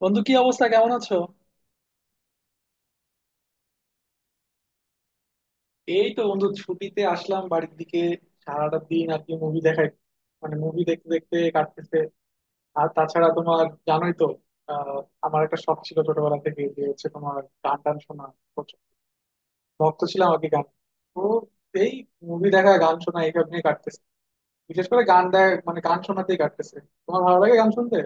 বন্ধু, কি অবস্থা? কেমন আছো? এই তো বন্ধু, ছুটিতে আসলাম বাড়ির দিকে। সারাটা দিন আর কি মুভি দেখাই, মানে মুভি দেখতে দেখতে কাটতেছে। আর তাছাড়া তোমার জানোই তো, আহ আমার একটা শখ ছিল ছোটবেলা থেকে যে হচ্ছে তোমার গান টান শোনা। প্রচুর ভক্ত ছিলাম আর কি গান। তো এই মুভি দেখা, গান শোনা এইসব নিয়ে কাটতেছে। বিশেষ করে গান দেখ, মানে গান শোনাতেই কাটতেছে। তোমার ভালো লাগে গান শুনতে?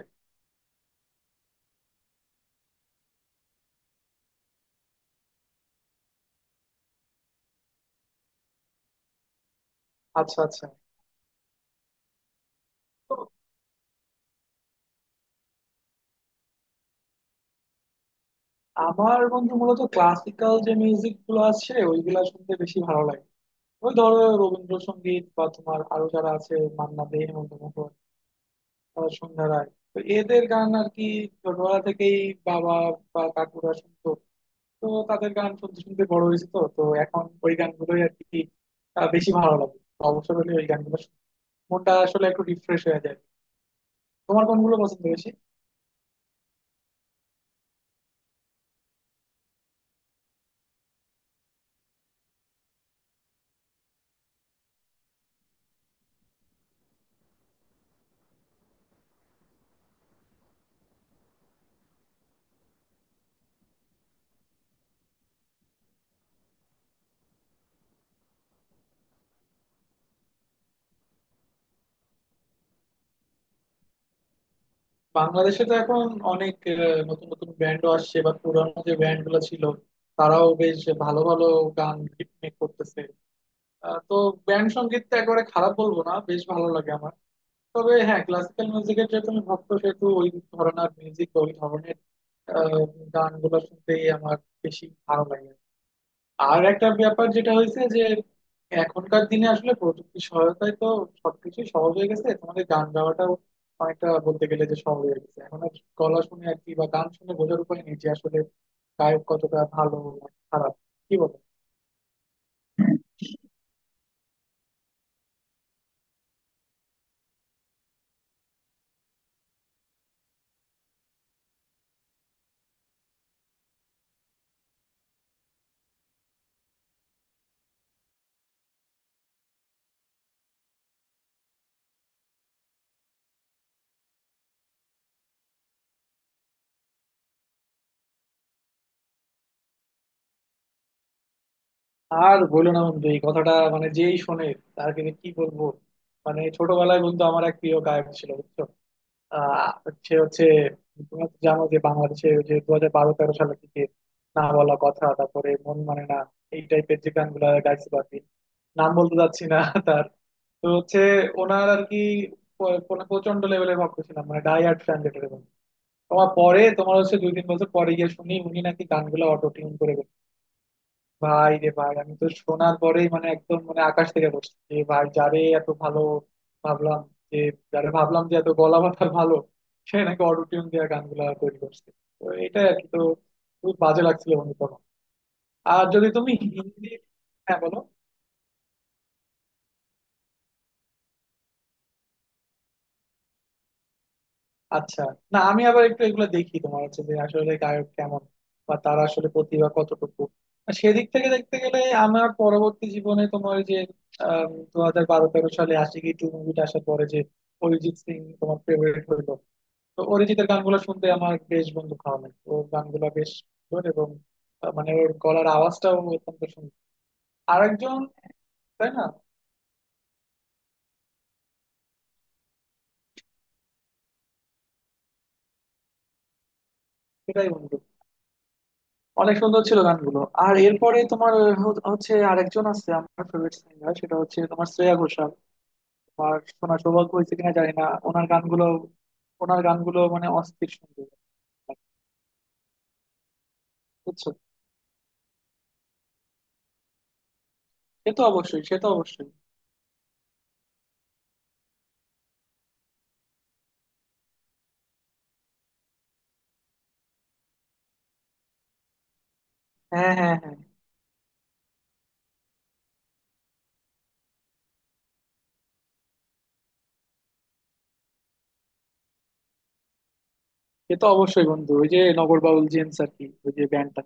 আচ্ছা, আচ্ছা। তো আমার বন্ধু মূলত ক্লাসিক্যাল যে মিউজিক গুলো আছে ওইগুলা শুনতে বেশি ভালো লাগে। ওই ধরো রবীন্দ্রসঙ্গীত বা তোমার আরো যারা আছে, মান্না দে, হেমন্ত মুখোপাধ্যায়, সন্ধ্যা রায়, তো এদের গান আর কি। ছোটবেলা থেকেই বাবা বা কাকুরা শুনতো, তো তাদের গান শুনতে শুনতে বড় হয়েছে, তো তো এখন ওই গানগুলোই আর কি বেশি ভালো লাগে। অবসর হলে ওই গানগুলো শুনি। মনটা আসলে একটু রিফ্রেশ হয়ে যায়। তোমার কোনগুলো পছন্দ বেশি? বাংলাদেশে তো এখন অনেক নতুন নতুন ব্যান্ডও আসছে, বা পুরানো যে ব্যান্ড গুলো ছিল তারাও বেশ ভালো ভালো গান মেক করতেছে। তো ব্যান্ড সঙ্গীত তো একেবারে খারাপ বলবো না, বেশ ভালো লাগে আমার। তবে হ্যাঁ, ক্লাসিক্যাল মিউজিকের যেহেতু আমি ভক্ত, সেহেতু ওই ধরনের মিউজিক, ওই ধরনের আহ, গানগুলো শুনতেই আমার বেশি ভালো লাগে। আর একটা ব্যাপার যেটা হয়েছে যে এখনকার দিনে আসলে প্রযুক্তির সহায়তায় তো সবকিছুই সহজ হয়ে গেছে, তোমাদের গান গাওয়াটাও অনেকটা বলতে গেলে যে সহজ হয়ে গেছে। এখন আর গলা শুনে আর কি বা গান শুনে বোঝার উপায় নেই যে আসলে গায়ক কতটা ভালো না খারাপ, কি বল? আর বললো না বন্ধু এই কথাটা, মানে যেই শোনে তার কিন্তু কি বলবো, মানে ছোটবেলায় বন্ধু আমার এক প্রিয় গায়ক ছিল, বুঝছো? আহ সে হচ্ছে, তোমরা তো জানো যে বাংলাদেশে ওই যে 2012-13 সালের দিকে "না বলা কথা", তারপরে "মন মানে না", এই টাইপের যে গানগুলা গাইছিল আর কি। নাম বলতে যাচ্ছি না তার। তো হচ্ছে ওনার আর কি প্রচন্ড লেভেলের ভক্ত ছিলাম, মানে ডাই হার্ড ফ্যান যেটা বলে। তোমার পরে, তোমার হচ্ছে 2-3 বছর পরে গিয়ে শুনি উনি নাকি গানগুলো অটো টিউন করে। ভাই রে ভাই, আমি তো শোনার পরেই মানে একদম, মানে আকাশ থেকে পড়ছি যে ভাই, যারে এত ভালো ভাবলাম, যে যারে ভাবলাম যে এত গলা মাথা ভালো সে নাকি অটোটিউন দিয়ে গানগুলা তৈরি করছে। তো এটাই আর কি, তো খুব বাজে লাগছিল বন্ধু তখন। আর যদি তুমি হিন্দি, হ্যাঁ বলো, আচ্ছা। না, আমি আবার একটু এগুলো দেখি তোমার হচ্ছে যে আসলে গায়ক কেমন, বা তারা আসলে প্রতিভা কতটুকু। আর সেদিক থেকে দেখতে গেলে আমার পরবর্তী জীবনে তোমার ওই যে 2012-13 সালে আশিকি 2 মুভিটা আসার পরে যে অরিজিৎ সিং তোমার ফেভারিট হইলো। তো অরিজিতের গানগুলো শুনতে আমার বেশ বন্ধু ভালো লাগে, ওর গানগুলো বেশ সুন্দর, এবং মানে ওর গলার আওয়াজটাও অত্যন্ত সুন্দর। আরেকজন, তাই না? সেটাই বন্ধু, অনেক সুন্দর ছিল গানগুলো। আর এরপরে তোমার হচ্ছে আরেকজন আছে আমার ফেভারিট সিঙ্গার, সেটা হচ্ছে তোমার শ্রেয়া ঘোষাল। আমার শোনা সৌভাগ্য হয়েছে কিনা জানি না ওনার গানগুলো। ওনার গানগুলো মানে অস্থির সুন্দর, বুঝছো? সে তো অবশ্যই, সে তো অবশ্যই। হ্যাঁ, হ্যাঁ, হ্যাঁ। সে তো অবশ্যই বন্ধু, ওই যে নগর বাউল জেমস আর কি, ওই যে ব্যান্ডটা।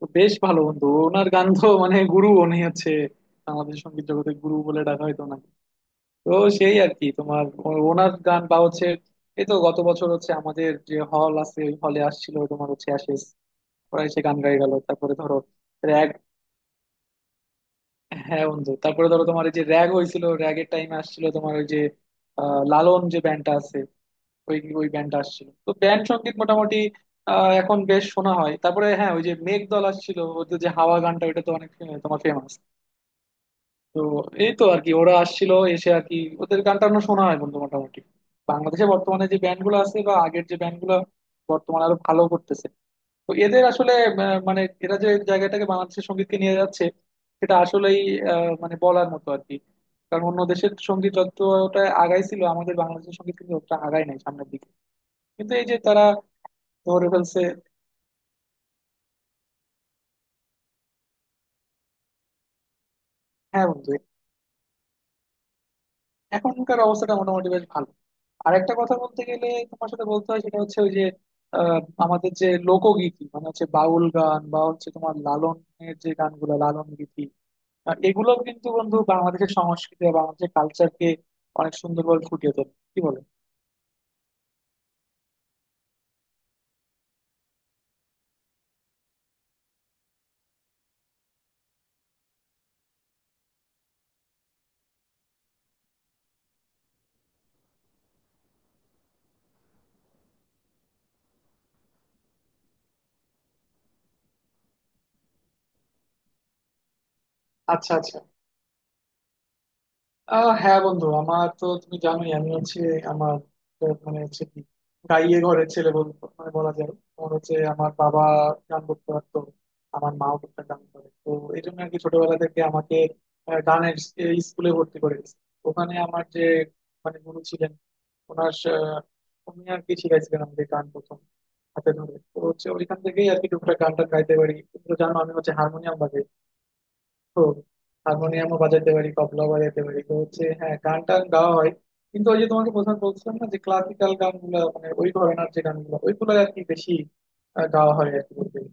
তো বেশ ভালো বন্ধু, ওনার গান তো, মানে গুরু, উনি হচ্ছে আমাদের সঙ্গীত জগতের গুরু বলে ডাকা হয়তো না। তো সেই আর কি তোমার ওনার গান বা হচ্ছে, এই তো গত বছর হচ্ছে আমাদের যে হল আছে ওই হলে আসছিল তোমার হচ্ছে অ্যাশেজ। ওরা এসে গান গাই গেল, তারপরে ধরো র্যাগ। হ্যাঁ বন্ধু, তারপরে ধরো তোমার এই যে র্যাগ হয়েছিল, র্যাগের টাইমে আসছিল তোমার ওই যে লালন যে ব্যান্ডটা আছে, ওই ওই ব্যান্ডটা আসছিল। তো ব্যান্ড সঙ্গীত মোটামুটি এখন বেশ শোনা হয়। তারপরে হ্যাঁ ওই যে মেঘদল আসছিল, ওদের যে হাওয়া গানটা ওটা তো অনেক তোমার ফেমাস। তো এই তো আর কি ওরা আসছিল, এসে আর কি ওদের গান টান শোনা হয় বন্ধু মোটামুটি। বাংলাদেশে বর্তমানে যে ব্যান্ড গুলো আছে বা আগের যে ব্যান্ড গুলো বর্তমানে আরো ভালো করতেছে, তো এদের আসলে মানে এরা যে জায়গাটাকে, বাংলাদেশের সঙ্গীতকে নিয়ে যাচ্ছে সেটা আসলেই মানে বলার মতো আর কি। কারণ অন্য দেশের সঙ্গীত যতটা আগাইছিল আমাদের বাংলাদেশের সঙ্গীত কিন্তু অতটা আগায় নাই সামনের দিকে, কিন্তু এই যে তারা ধরে ফেলছে। হ্যাঁ বন্ধু, এখনকার অবস্থাটা মোটামুটি বেশ ভালো। আর একটা কথা বলতে গেলে তোমার সাথে বলতে হয়, সেটা হচ্ছে ওই যে আহ, আমাদের যে লোকগীতি, মানে হচ্ছে বাউল গান বা হচ্ছে তোমার লালনের যে গানগুলো, লালন গীতি, এগুলোও কিন্তু বন্ধু বাংলাদেশের সংস্কৃতি বা বাংলাদেশের কালচারকে অনেক সুন্দরভাবে ফুটিয়ে তোলে, কি বলো? আচ্ছা, আচ্ছা। হ্যাঁ বন্ধু, আমার তো তুমি জানোই, আমি হচ্ছে, আমার তো মানে হচ্ছে কি, গাইয়ে ঘরের ছেলে বল, মানে বলা যায়। আমার হচ্ছে, আমার বাবা গান করতে পারতো, আমার মাও করতে গান করে। তো এই জন্য আর কি ছোটবেলা থেকে আমাকে গানের এই স্কুলে ভর্তি করে দিয়েছে। ওখানে আমার যে মানে গুরু ছিলেন, ওনার উনি আর কি শিখাইছিলেন আমাদের গান প্রথম, হাতে ধরে। তো হচ্ছে ওইখান থেকেই আর কি টুকটাক গান টান গাইতে পারি। তুমি তো জানো আমি হচ্ছে হারমোনিয়াম বাজাই, তো হারমোনিয়ামও বাজাইতে পারি, তবলা বাজাইতে পারি। তো হচ্ছে হ্যাঁ, গান টান গাওয়া হয়, কিন্তু ওই যে তোমাকে প্রথমে বলছিলাম না যে ক্লাসিক্যাল গানগুলো, মানে ওই ঘরানার যে গানগুলো ওইগুলো আর কি বেশি গাওয়া হয় আর কি বলতে গেলে।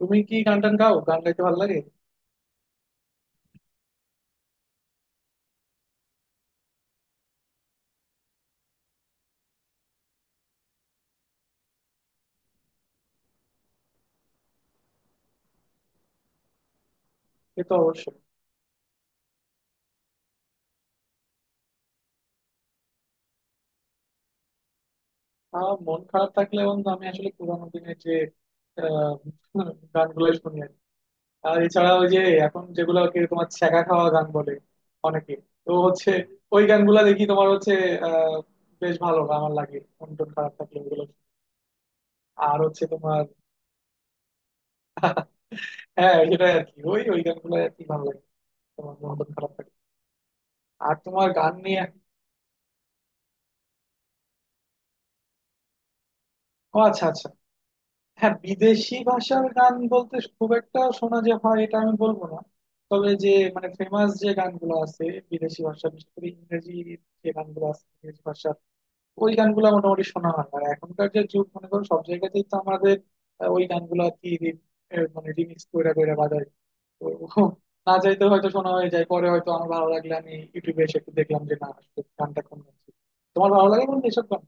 তুমি কি গান টান গাও? গান গাইতে ভালো লাগে? সে তো অবশ্যই। আর মন খারাপ থাকলে বন্ধু আমি আসলে পুরানো দিনের যে আহ গানগুলো শুনি আর কি। আর এছাড়া ওই যে এখন যেগুলো আর কি তোমার ছ্যাঁকা খাওয়া গান বলে অনেকে, তো হচ্ছে ওই গানগুলা দেখি তোমার হচ্ছে আহ বেশ ভালো আমার লাগে, মন টন খারাপ থাকলে ওগুলো। আর হচ্ছে তোমার, হ্যাঁ সেটাই আর কি ওই ওই গানগুলো আর কি ভালো লাগে তোমার মন টন খারাপ থাকে। আর তোমার গান নিয়ে, ও আচ্ছা, আচ্ছা। হ্যাঁ, বিদেশি ভাষার গান বলতে খুব একটা শোনা যে হয় এটা আমি বলবো না। তবে যে মানে ফেমাস যে গানগুলো আছে বিদেশি ভাষা, বিশেষ করে ইংরেজি যে গানগুলো আছে ইংরেজি ভাষার, ওই গানগুলো মোটামুটি শোনা হয়। আর এখনকার যে যুগ মনে করো সব জায়গাতেই তো আমাদের ওই গানগুলো আর কি মানে রিমিক্স করে করে বাজায়। তো না চাইতে হয়তো শোনা হয়ে যায়, পরে হয়তো আমার ভালো লাগলে আমি ইউটিউবে এসে একটু দেখলাম যে না আসলে গানটা কোন গান ছিল। তোমার ভালো লাগে বন্ধু এসব গান?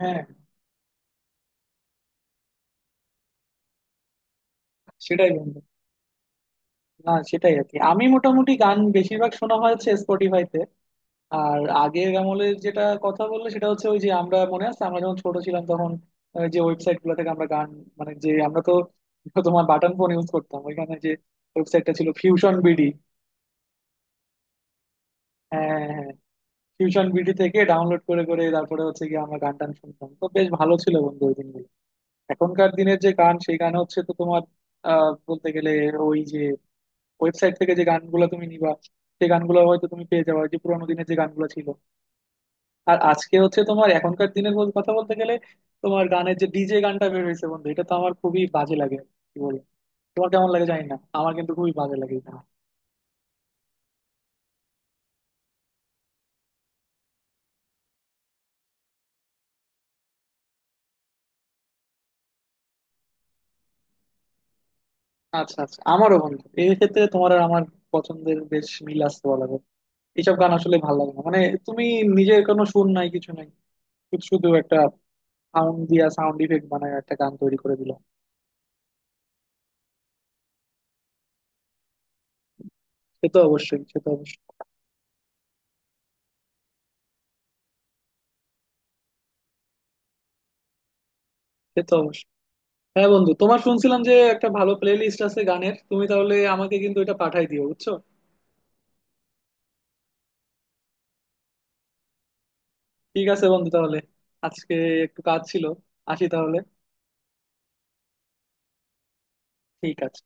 হ্যাঁ সেটাই বন্ধু, না সেটাই আর কি আমি মোটামুটি গান বেশিরভাগ শোনা হয়েছে স্পটিফাইতে। আর আগের আমলের যেটা কথা বললে সেটা হচ্ছে ওই যে আমরা মনে আছে, আমরা যখন ছোট ছিলাম তখন ওই যে ওয়েবসাইট গুলো থেকে আমরা গান, মানে যে আমরা তো তোমার বাটন ফোন ইউজ করতাম, ওইখানে যে ওয়েবসাইটটা ছিল ফিউশন বিডি। হ্যাঁ, হ্যাঁ, টিউশন বিডি থেকে ডাউনলোড করে করে তারপরে হচ্ছে কি আমরা গান টান শুনতাম। তো বেশ ভালো ছিল বন্ধু ওই দিনগুলো। এখনকার দিনের যে গান সেই গান হচ্ছে তো তোমার বলতে গেলে ওই যে ওয়েবসাইট থেকে যে গানগুলো তুমি নিবা সেই গানগুলো হয়তো তুমি পেয়ে যাবে যে পুরানো দিনের যে গানগুলো ছিল। আর আজকে হচ্ছে তোমার এখনকার দিনের কথা বলতে গেলে তোমার গানের যে ডিজে গানটা বের হয়েছে বন্ধু, এটা তো আমার খুবই বাজে লাগে, কি বলবো। তোমার কেমন লাগে জানি না, আমার কিন্তু খুবই বাজে লাগে এটা। আচ্ছা, আচ্ছা। আমারও বন্ধু এই ক্ষেত্রে তোমার আর আমার পছন্দের বেশ মিল আছে বলা যায়। এইসব গান আসলে ভালো লাগে না, মানে তুমি নিজের কোনো সুর নাই, কিছু নাই, শুধু শুধু একটা সাউন্ড দিয়া সাউন্ড ইফেক্ট বানায় একটা গান তৈরি করে দিলাম। সে তো অবশ্যই, সে তো অবশ্যই। সে তো অবশ্যই। হ্যাঁ বন্ধু, তোমার শুনছিলাম যে একটা ভালো প্লে লিস্ট আছে গানের, তুমি তাহলে আমাকে কিন্তু এটা পাঠাই দিও, বুঝছো? ঠিক আছে বন্ধু, তাহলে আজকে একটু কাজ ছিল, আসি তাহলে। ঠিক আছে।